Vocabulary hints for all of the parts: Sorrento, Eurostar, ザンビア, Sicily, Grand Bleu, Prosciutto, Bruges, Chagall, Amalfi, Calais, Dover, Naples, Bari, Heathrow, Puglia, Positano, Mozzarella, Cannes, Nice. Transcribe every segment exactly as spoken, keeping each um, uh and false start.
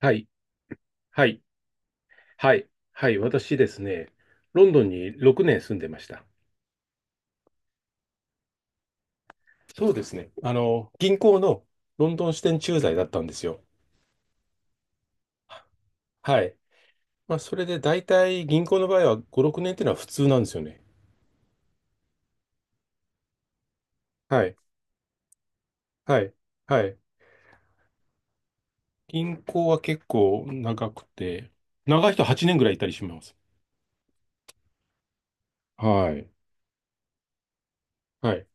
はい、はい、はい、はい、私ですね、ロンドンにろくねん住んでました。そうですね。あの、銀行のロンドン支店駐在だったんですよ。はい。まあ、それで大体銀行の場合はご、ろくねんっていうのは普通なんですよね。はい。はい。はい。銀行は結構長くて、長い人はちねんぐらいいたりします。はい。はい。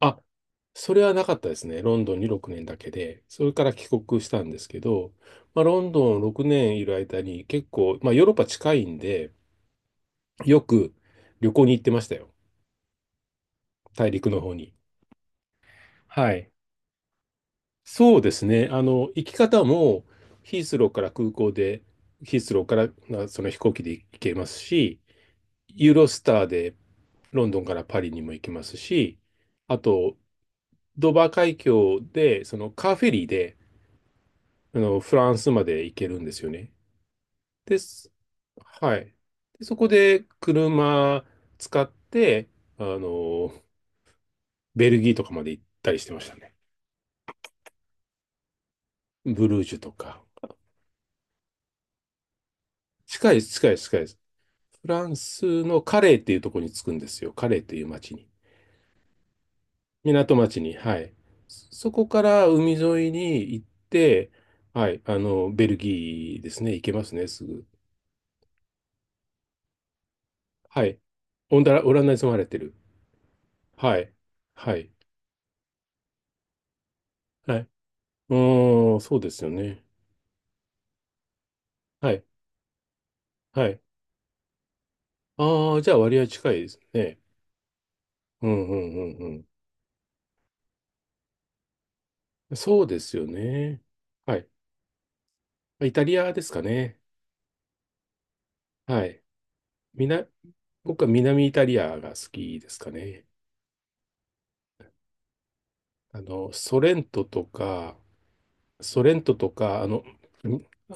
あ、それはなかったですね。ロンドンにろくねんだけで。それから帰国したんですけど、まあ、ロンドンろくねんいる間に結構、まあ、ヨーロッパ近いんで、よく旅行に行ってましたよ。大陸の方に。はい。そうですね。あの、行き方もヒースローから空港で、ヒースローからなその飛行機で行けますし、ユーロスターでロンドンからパリにも行けますし、あと、ドーバー海峡で、そのカーフェリーで、あの、フランスまで行けるんですよね。です。はい。で、そこで車使って、あの、ベルギーとかまで行ったりしてましたね。ブルージュとか。近いです、近いです、近いです。フランスのカレーっていうところに着くんですよ。カレーっていう町に。港町に。はい。そそこから海沿いに行って、はい。あの、ベルギーですね。行けますね、すぐ。はい。オンダラ、オランダに住まれてる。はい。はい。はい。うーん、そうですよね。はい。はい。ああ、じゃあ割合近いですね。うんうんうんうん。そうですよね。はい。イタリアですかね。はい。みな、僕は南イタリアが好きですかね。あの、ソレントとか、ソレントとか、あの、ん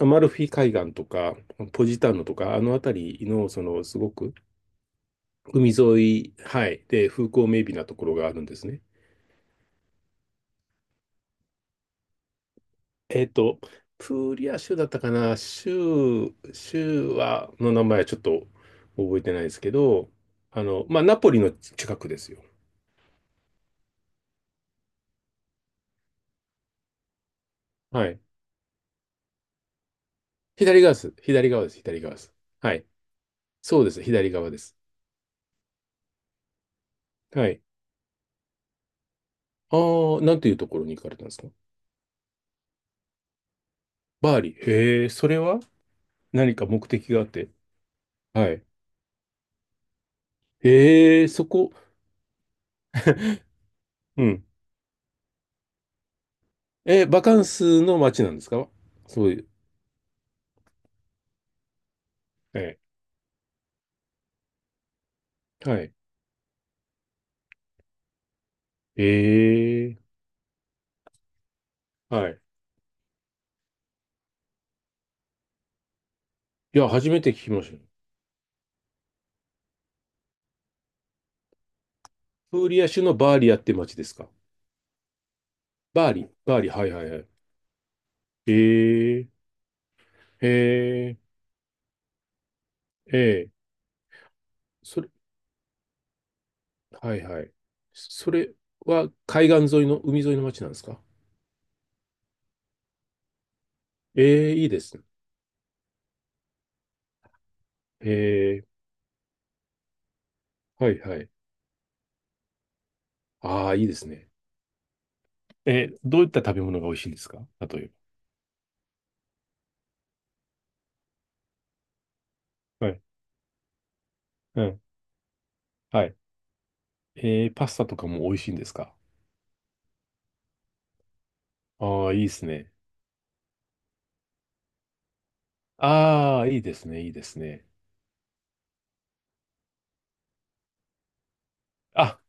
アマルフィ海岸とか、ポジターノとか、あの辺りの、その、すごく海沿い、はい、で、風光明媚なところがあるんですね。えっと、プーリア州だったかな、州、州は、の名前はちょっと覚えてないですけど、あの、まあ、ナポリの近くですよ。はい。左側です。左側です。左側です。はい。そうです。左側です。はい。ああ、なんていうところに行かれたんですか？バーリー。へえ、それは何か目的があって。はい。へえ、そこ。うん。え、バカンスの街なんですか？そういう。えはい。ええ、はい。いや、初めて聞きました。プーリア州のバーリアって町ですか？バーリ、バーリ、はいはいはい。ええ、ええ、ええ、それ、はいはい。それは海岸沿いの、海沿いの町なんですか？ええ、いいですね。ええ、はいはい。ああ、いいですね。えー、どういった食べ物が美味しいんですか、例えば？はい。うん。はい。えー、パスタとかも美味しいんですか？ああ、いいですね。ああ、いいですね、いいですね。あ、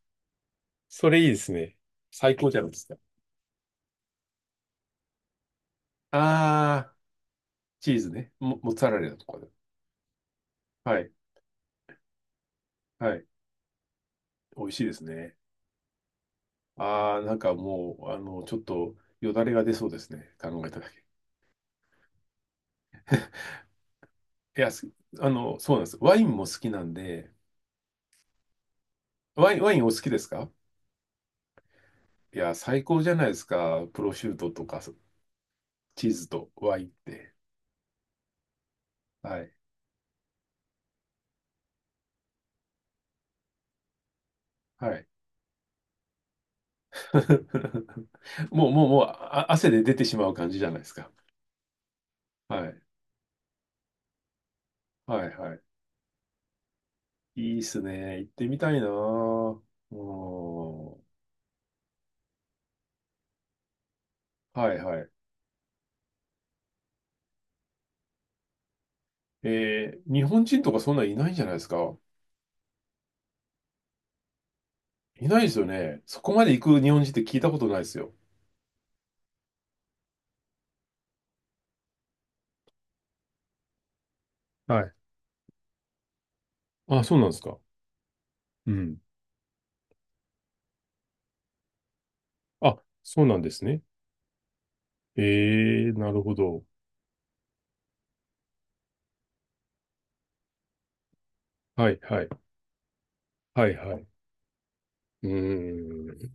それいいですね。最高じゃないですか。ああ。チーズね。モ、モッツァレラとかで。はい。はい。美味しいですね。ああ、なんかもう、あの、ちょっとよだれが出そうですね。考えただけ。いや、すあの、そうなんです。ワインも好きなんで、ワイン、ワインお好きですか？いや、最高じゃないですか。プロシュートとか、そチーズとワインって。はい。はい。もう、もう、もう、あ、汗で出てしまう感じじゃないですか。はい。はい、はい。いいっすね。行ってみたいなぁ。うん。はい、はい。えー日本人とかそんなんいないんじゃないですか。いないですよね。そこまで行く日本人って聞いたことないですよ。はい。あ、そうなんですか。うん。あ、そうなんですね。ええ、なるほど。はい、はい。はい、はい。うーん。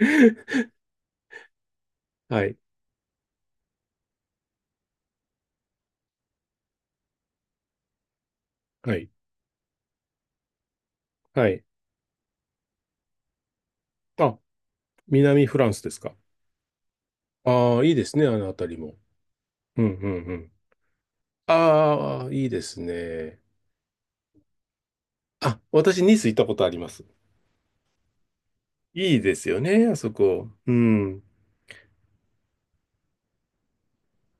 はい、はい、はい。あ、南フランスですか。ああ、いいですね、あのあたりも。うん、うん、うん。ああ、いいですね。あ、私、ニース行ったことあります。いいですよね、あそこ。うん。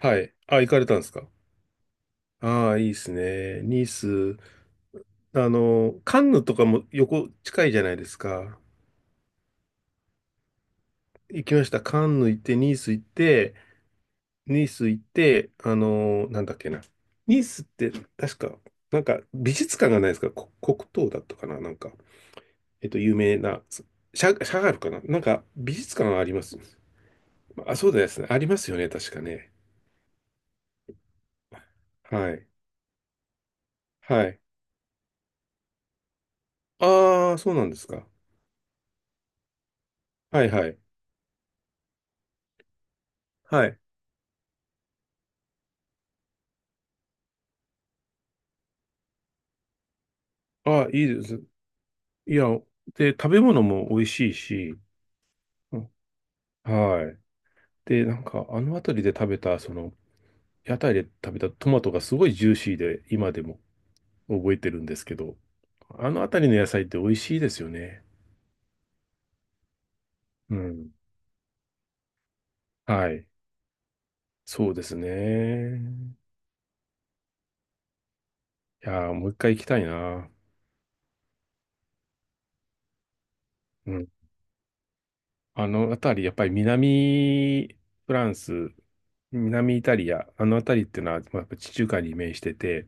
はい。あ、行かれたんですか？ああー、いいですね。ニース。あの、カンヌとかも横近いじゃないですか。行きました。カンヌ行って、ニース行って、ニース行って、あの、なんだっけな。ニースって確か、なんか美術館がないですか？こ黒糖だったかな、なんか、えっと、有名な、シャ、シャガールかな、なんか美術館があります。あ、そうですね。ありますよね。確かね。はい。はい。ああ、そうなんですか。はいはい。はい。ああ、いいですね。いや、で、食べ物も美味しいし、うん、はい。で、なんか、あの辺りで食べた、その、屋台で食べたトマトがすごいジューシーで、今でも覚えてるんですけど、あの辺りの野菜って美味しいですよね。うん。はい。そうですね。いやー、もう一回行きたいな。うん。あの辺り、やっぱり南フランス、南イタリア、あの辺りっていうのは、まあ、やっぱ地中海に面してて、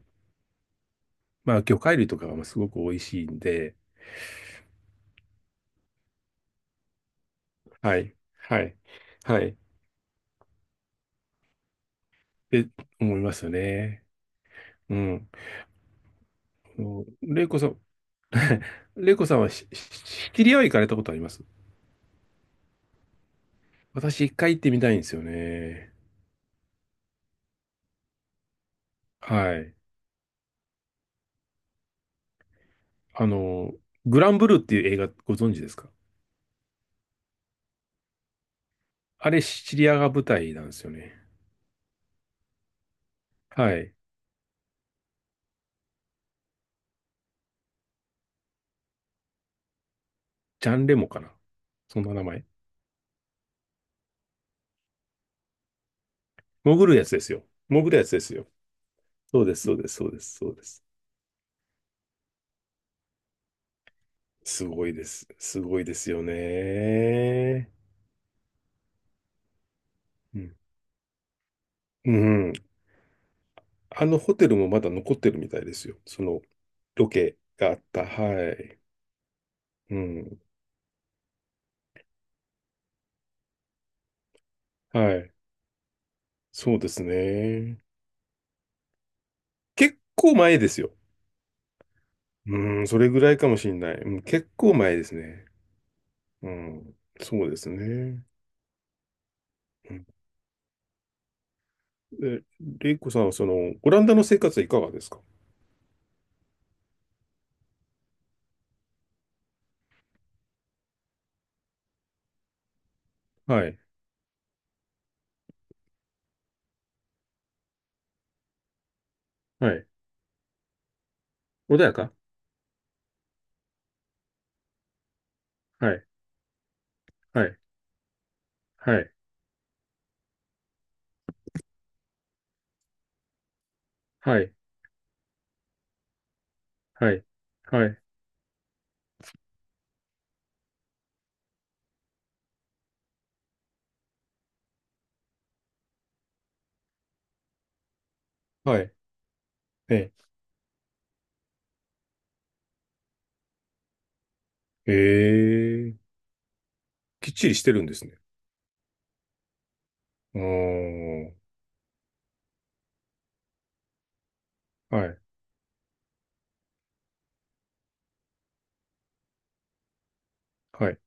まあ、魚介類とかがまあすごく美味しいんで、はい。はい。はい。って思いますよね。うん。あのレイコさん、レイコさんはシシシチリアは行かれたことあります？私一回行ってみたいんですよね。はい。あの、グランブルーっていう映画ご存知ですか？あれシチリアが舞台なんですよね。はい。ジャンレモかな、そんな名前。潜るやつですよ。潜るやつですよ。そうです、そうです、そうです、そうです。すごいです。すごいですよね。うん。うあのホテルもまだ残ってるみたいですよ。そのロケがあった。はい。うん。はい。そうですね。結構前ですよ。うん、それぐらいかもしれない。うん、結構前ですね。うん。そうですね。うん、え、レイコさんはその、オランダの生活はいかがですか？はい。はい。穏やか。はい。はい。はい。はい。はい。はい。はい。ええええ、きっちりしてるんですね。うーん。はい。はい。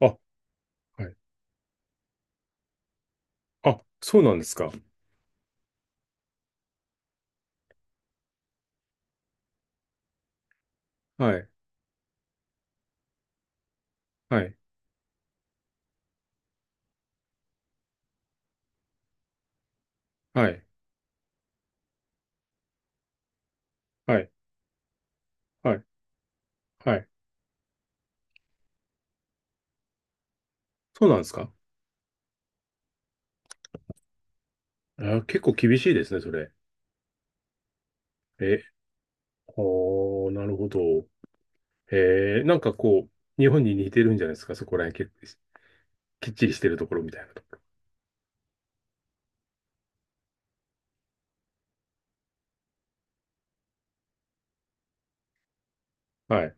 あ、はい。あ、そうなんですか。はい。はい。はい。はい。はい。はい。そうなんですか。あ、結構厳しいですね、それ。え、おー、なるほど。えー、なんかこう、日本に似てるんじゃないですか、そこら辺結構きっちりしてるところみたいなとこ。はい。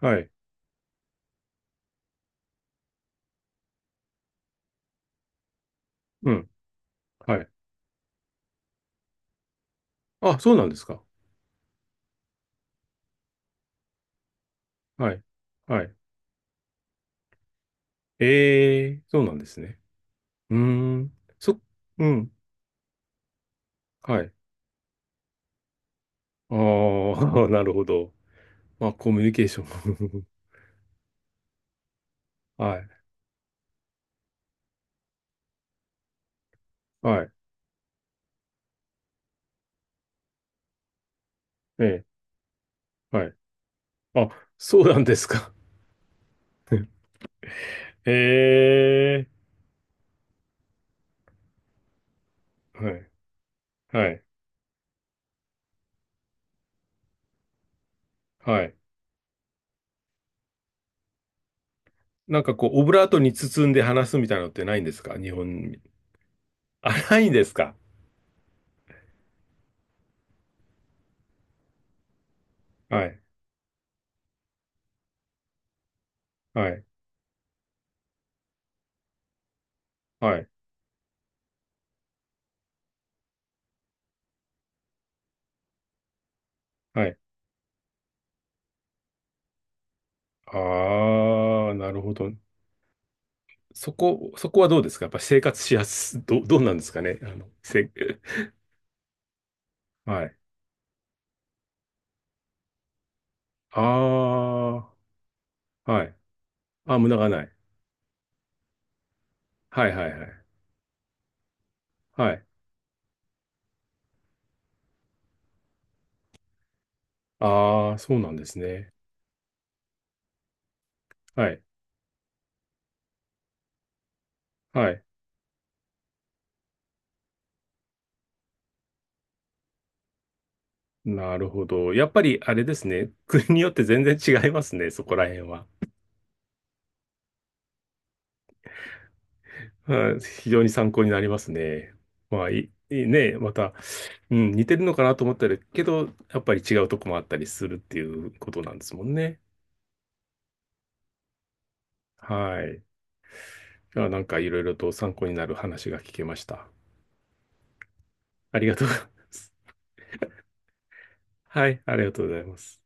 はい。うん。はい。あ、そうなんですか。はい。はい。えー、そうなんですね。うーん。そ、うん。はい。ああ、なるほど。まあ、コミュニケーション。はい。はい。ええ。はい、あ、そうなんですか。へえ。はい。はい。はい。なんかこう、オブラートに包んで話すみたいなのってないんですか、日本に？あ、ないんですか？はい。はい。はい。はい。ああ、なるほど。そこ、そこはどうですか？やっぱ生活しやす、ど、どうなんですかね、あの、せ、はい。ああ、はい。あ、無駄がない。はいはいはい。はい。ああ、そうなんですね。はい。はい。なるほど。やっぱりあれですね。国によって全然違いますね、そこら辺は。はい、非常に参考になりますね。まあ、いいいね、また、うん、似てるのかなと思ったりけど、やっぱり違うとこもあったりするっていうことなんですもんね。はい。いや、なんかいろいろと参考になる話が聞けました。ありがとうございます。はい、ありがとうございます。